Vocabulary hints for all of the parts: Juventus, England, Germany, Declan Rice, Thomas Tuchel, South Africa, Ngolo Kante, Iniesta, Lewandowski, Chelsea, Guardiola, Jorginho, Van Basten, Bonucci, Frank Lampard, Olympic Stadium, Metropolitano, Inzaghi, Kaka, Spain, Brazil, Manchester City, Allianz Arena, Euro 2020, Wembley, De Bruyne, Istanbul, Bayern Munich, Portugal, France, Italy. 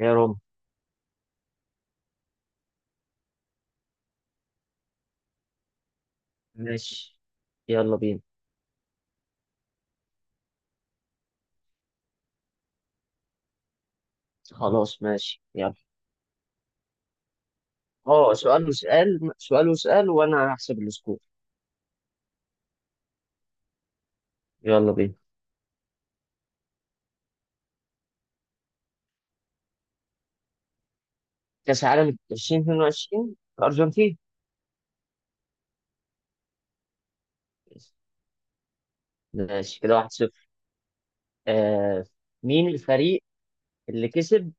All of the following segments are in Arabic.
يا رب. ماشي، يلا بينا. خلاص ماشي يلا. اه، سؤال وسؤال وانا هحسب السكور. يلا بينا. كاس عالم 2022، الارجنتين. ماشي كده، 1-0. آه مين الفريق اللي كسب؟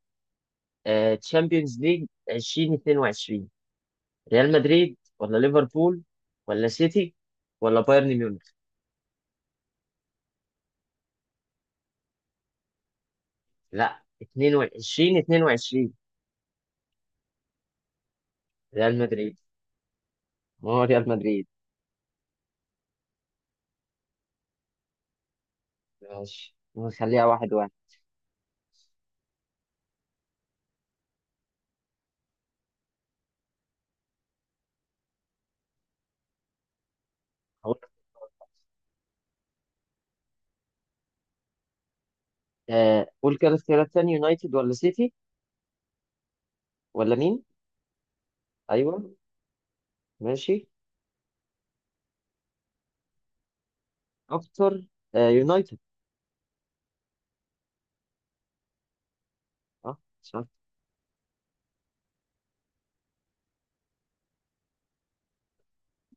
تشامبيونز ليج 2022، ريال مدريد ولا ليفربول ولا سيتي ولا بايرن ميونخ؟ لا، 22، 22 ريال مدريد. ما هو ريال مدريد. ماشي نخليها واحد واحد. قول كده اختيارات تاني، يونايتد ولا سيتي ولا مين؟ ايوه ماشي. اكتر؟ يونايتد. اه صح،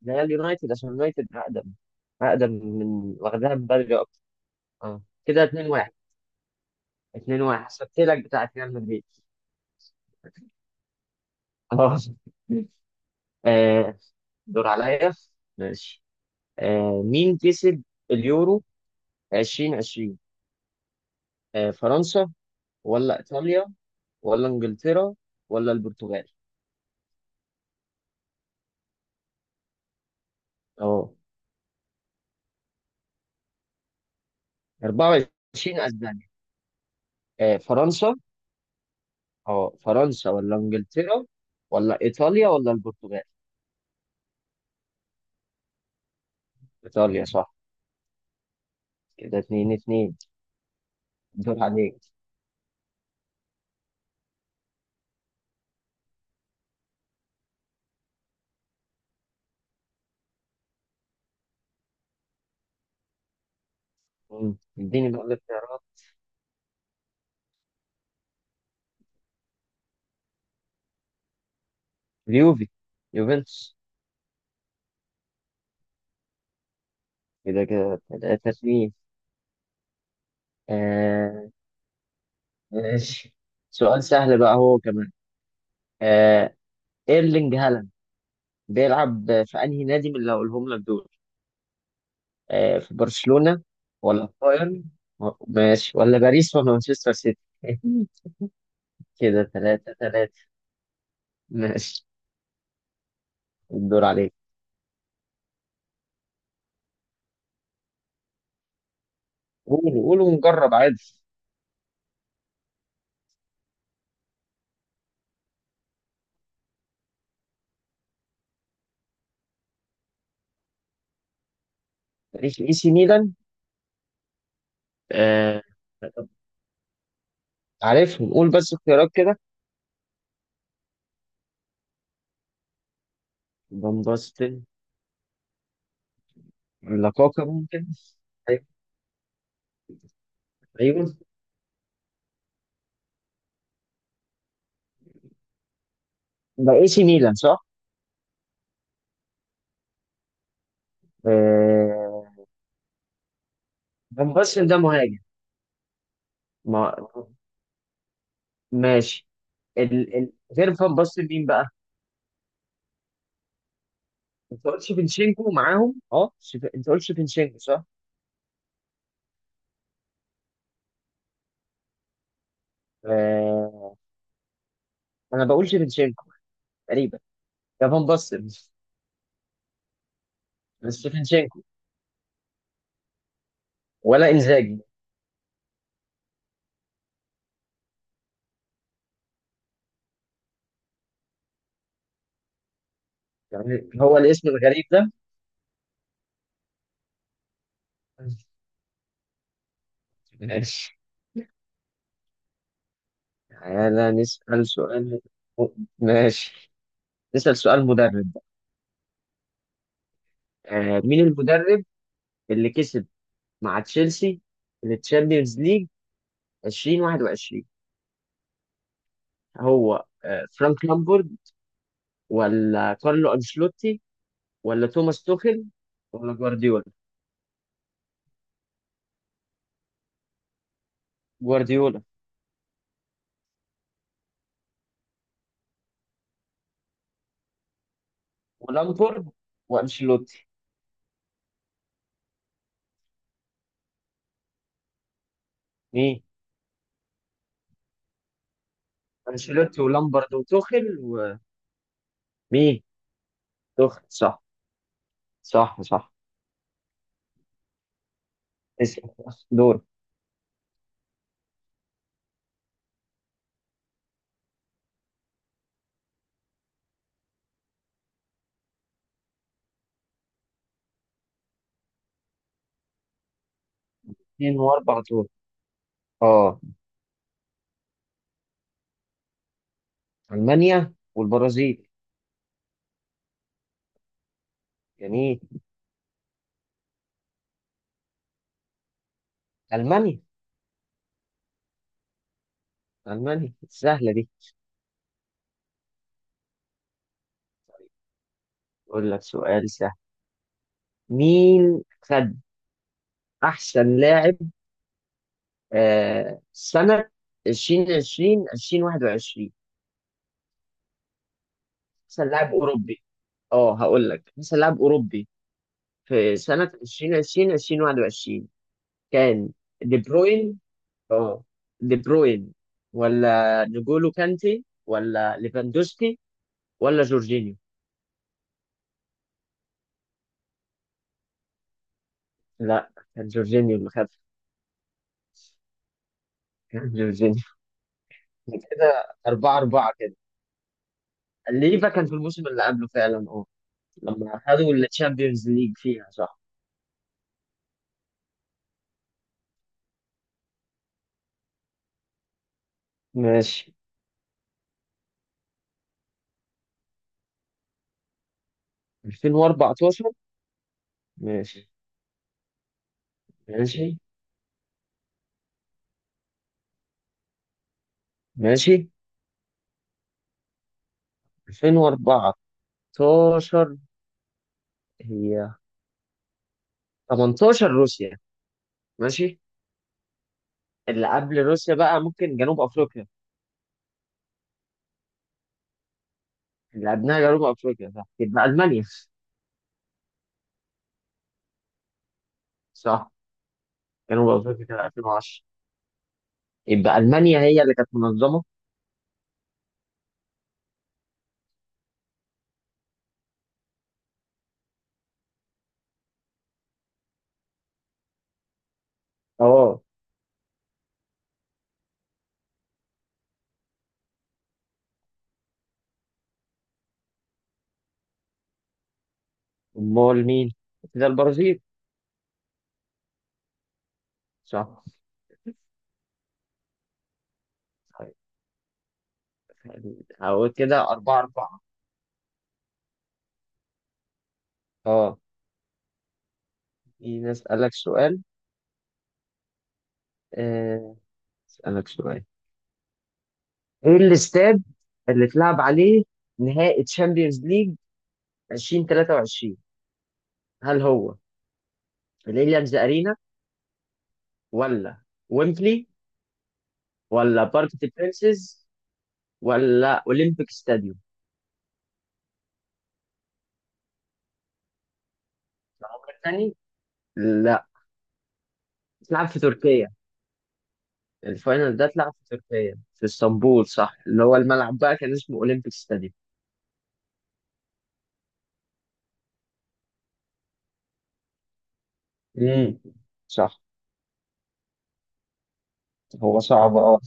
ريال يونايتد عشان يونايتد اقدم، اقدم من، واخدها من بدري اكتر. اه كده 2-1. 2-1، حسبت لك بتاعت ريال مدريد. خلاص. آه دور عليا. ماشي. مين كسب اليورو 2020؟ فرنسا ولا ايطاليا ولا انجلترا ولا البرتغال؟ اه، 24 اسبانيا. فرنسا. اه، فرنسا ولا انجلترا ولا ايطاليا ولا البرتغال؟ ايطاليا صح. كده اتنين اتنين. دور عليك. مم. اديني بقى الاختيارات. اليوفي، يوفنتوس. كده كده تلاتة اتنين. آه. ماشي. سؤال سهل بقى هو كمان. آه ايرلينج هالاند بيلعب في انهي نادي من اللي هقولهم لك دول؟ في برشلونة ولا في بايرن ماشي، ولا باريس ولا مانشستر سيتي؟ كده تلاتة تلاتة. ماشي، الدور عليك. قولوا قولوا ونجرب عادي. تاريخ اي سي ميلان. آه عارفهم، قول بس اختيارات كده. فان باستن ولا كاكا ممكن؟ أيوة. ايوه، ده اي سي ميلان صح؟ آه فان باستن ده مهاجم. ما ماشي. غير فان باستن مين بقى؟ انت قلت شيفنشينكو معاهم، اه. انت قلت شيفنشينكو صح؟ آه... انا بقول شيفنشينكو تقريبا، ده فان باستن. بس شيفنشينكو ولا انزاجي؟ يعني هو الاسم الغريب ده. ماشي. تعالى نسأل سؤال. ماشي، نسأل سؤال مدرب بقى. مين المدرب اللي كسب مع تشيلسي التشامبيونز ليج 2021؟ هو فرانك لامبورد ولا كارلو أنشيلوتي ولا توماس توخيل ولا جوارديولا؟ جوارديولا ولامبورد وأنشيلوتي. مين؟ أنشيلوتي ولامبورد وتوخيل. ومين؟ توخيل صح. صح صح. اسأل، دور. اتنين واربع دور، اه. ألمانيا والبرازيل. جميل، ألمانيا. ألمانيا سهلة دي. طيب، أقول لك سؤال سهل. مين خد أحسن لاعب سنة 2020 2021؟ أحسن لاعب أوروبي. أه، هقول لك أحسن لاعب أوروبي في سنة 2020 2021. كان دي بروين. أه دي بروين ولا نجولو كانتي ولا ليفاندوسكي ولا جورجينيو؟ لا، كان جورجينيو اللي خد. كان جورجينيو. كده أربعة أربعة. ليفا كان في الموسم اللي قبله فعلا، اه، لما خدوا الشامبيونز ليج فيها صح. ماشي، 2014. ماشي ماشي ماشي. 2014 هي 18، روسيا. ماشي. اللي قبل روسيا بقى ممكن جنوب افريقيا. اللي قبلها جنوب افريقيا صح، يبقى المانيا. صح، جنوب افريقيا كانت 2010. يبقى المانيا هي اللي كانت منظمه. اه، امال مين؟ كده البرازيل. صح. طيب. هقول كده أربعة أربعة. اه، خليني أسألك سؤال. آه، أسألك سؤال. إيه الاستاد اللي اتلعب عليه نهائي تشامبيونز ليج 2023؟ هل هو الإليانز أرينا ولا ويمبلي ولا بارك دي برينسز ولا أولمبيك ستاديوم؟ العمر تاني. لا. اتلعب في تركيا. الفاينل ده اتلعب في تركيا في اسطنبول صح، اللي هو الملعب بقى كان اسمه أولمبيك ستاديوم. امم. صح. هو صعب اه.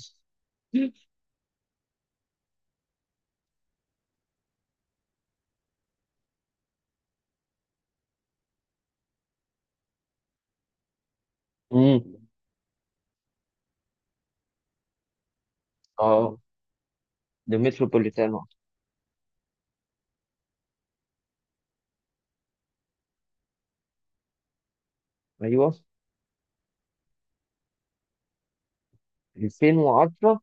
امم. اه ده متروبوليتانو. ايوه 2010.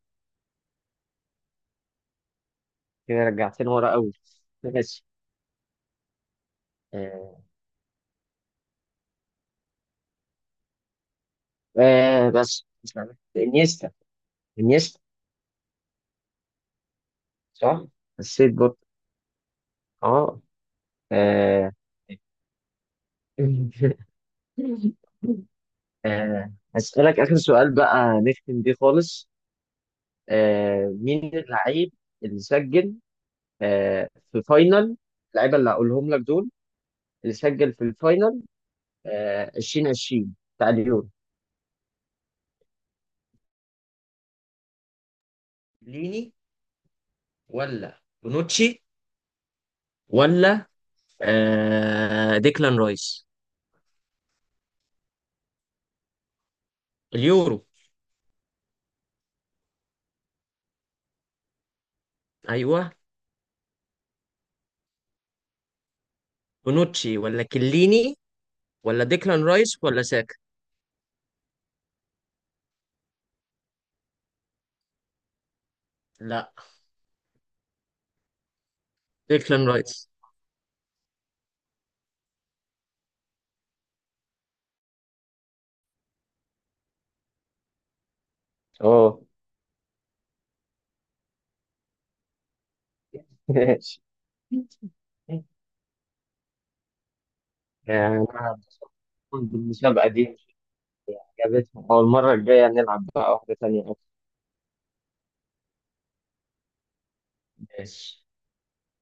كده رجعتني ورا قوي. ماشي. آه. بس مش عارف. انيستا. انيستا. صح. حسيت برضه. اه. آه. هسألك آخر سؤال بقى نختم بيه خالص. مين اللعيب اللي سجل في فاينل اللعيبة اللي هقولهم لك دول اللي سجل في الفاينل 2020 بتاع اليورو؟ ليني ولا بونوتشي ولا ديكلان رايس؟ اليورو، ايوه. بونوتشي ولا كليني ولا ديكلان رايس ولا ساكا؟ لا، ديكلان رايس. اه. ماشي. يعني أنا اتبسطت بالمسابقة دي، عجبتني. أول مرة الجاية نلعب بقى واحدة تانية أكتر. ماشي.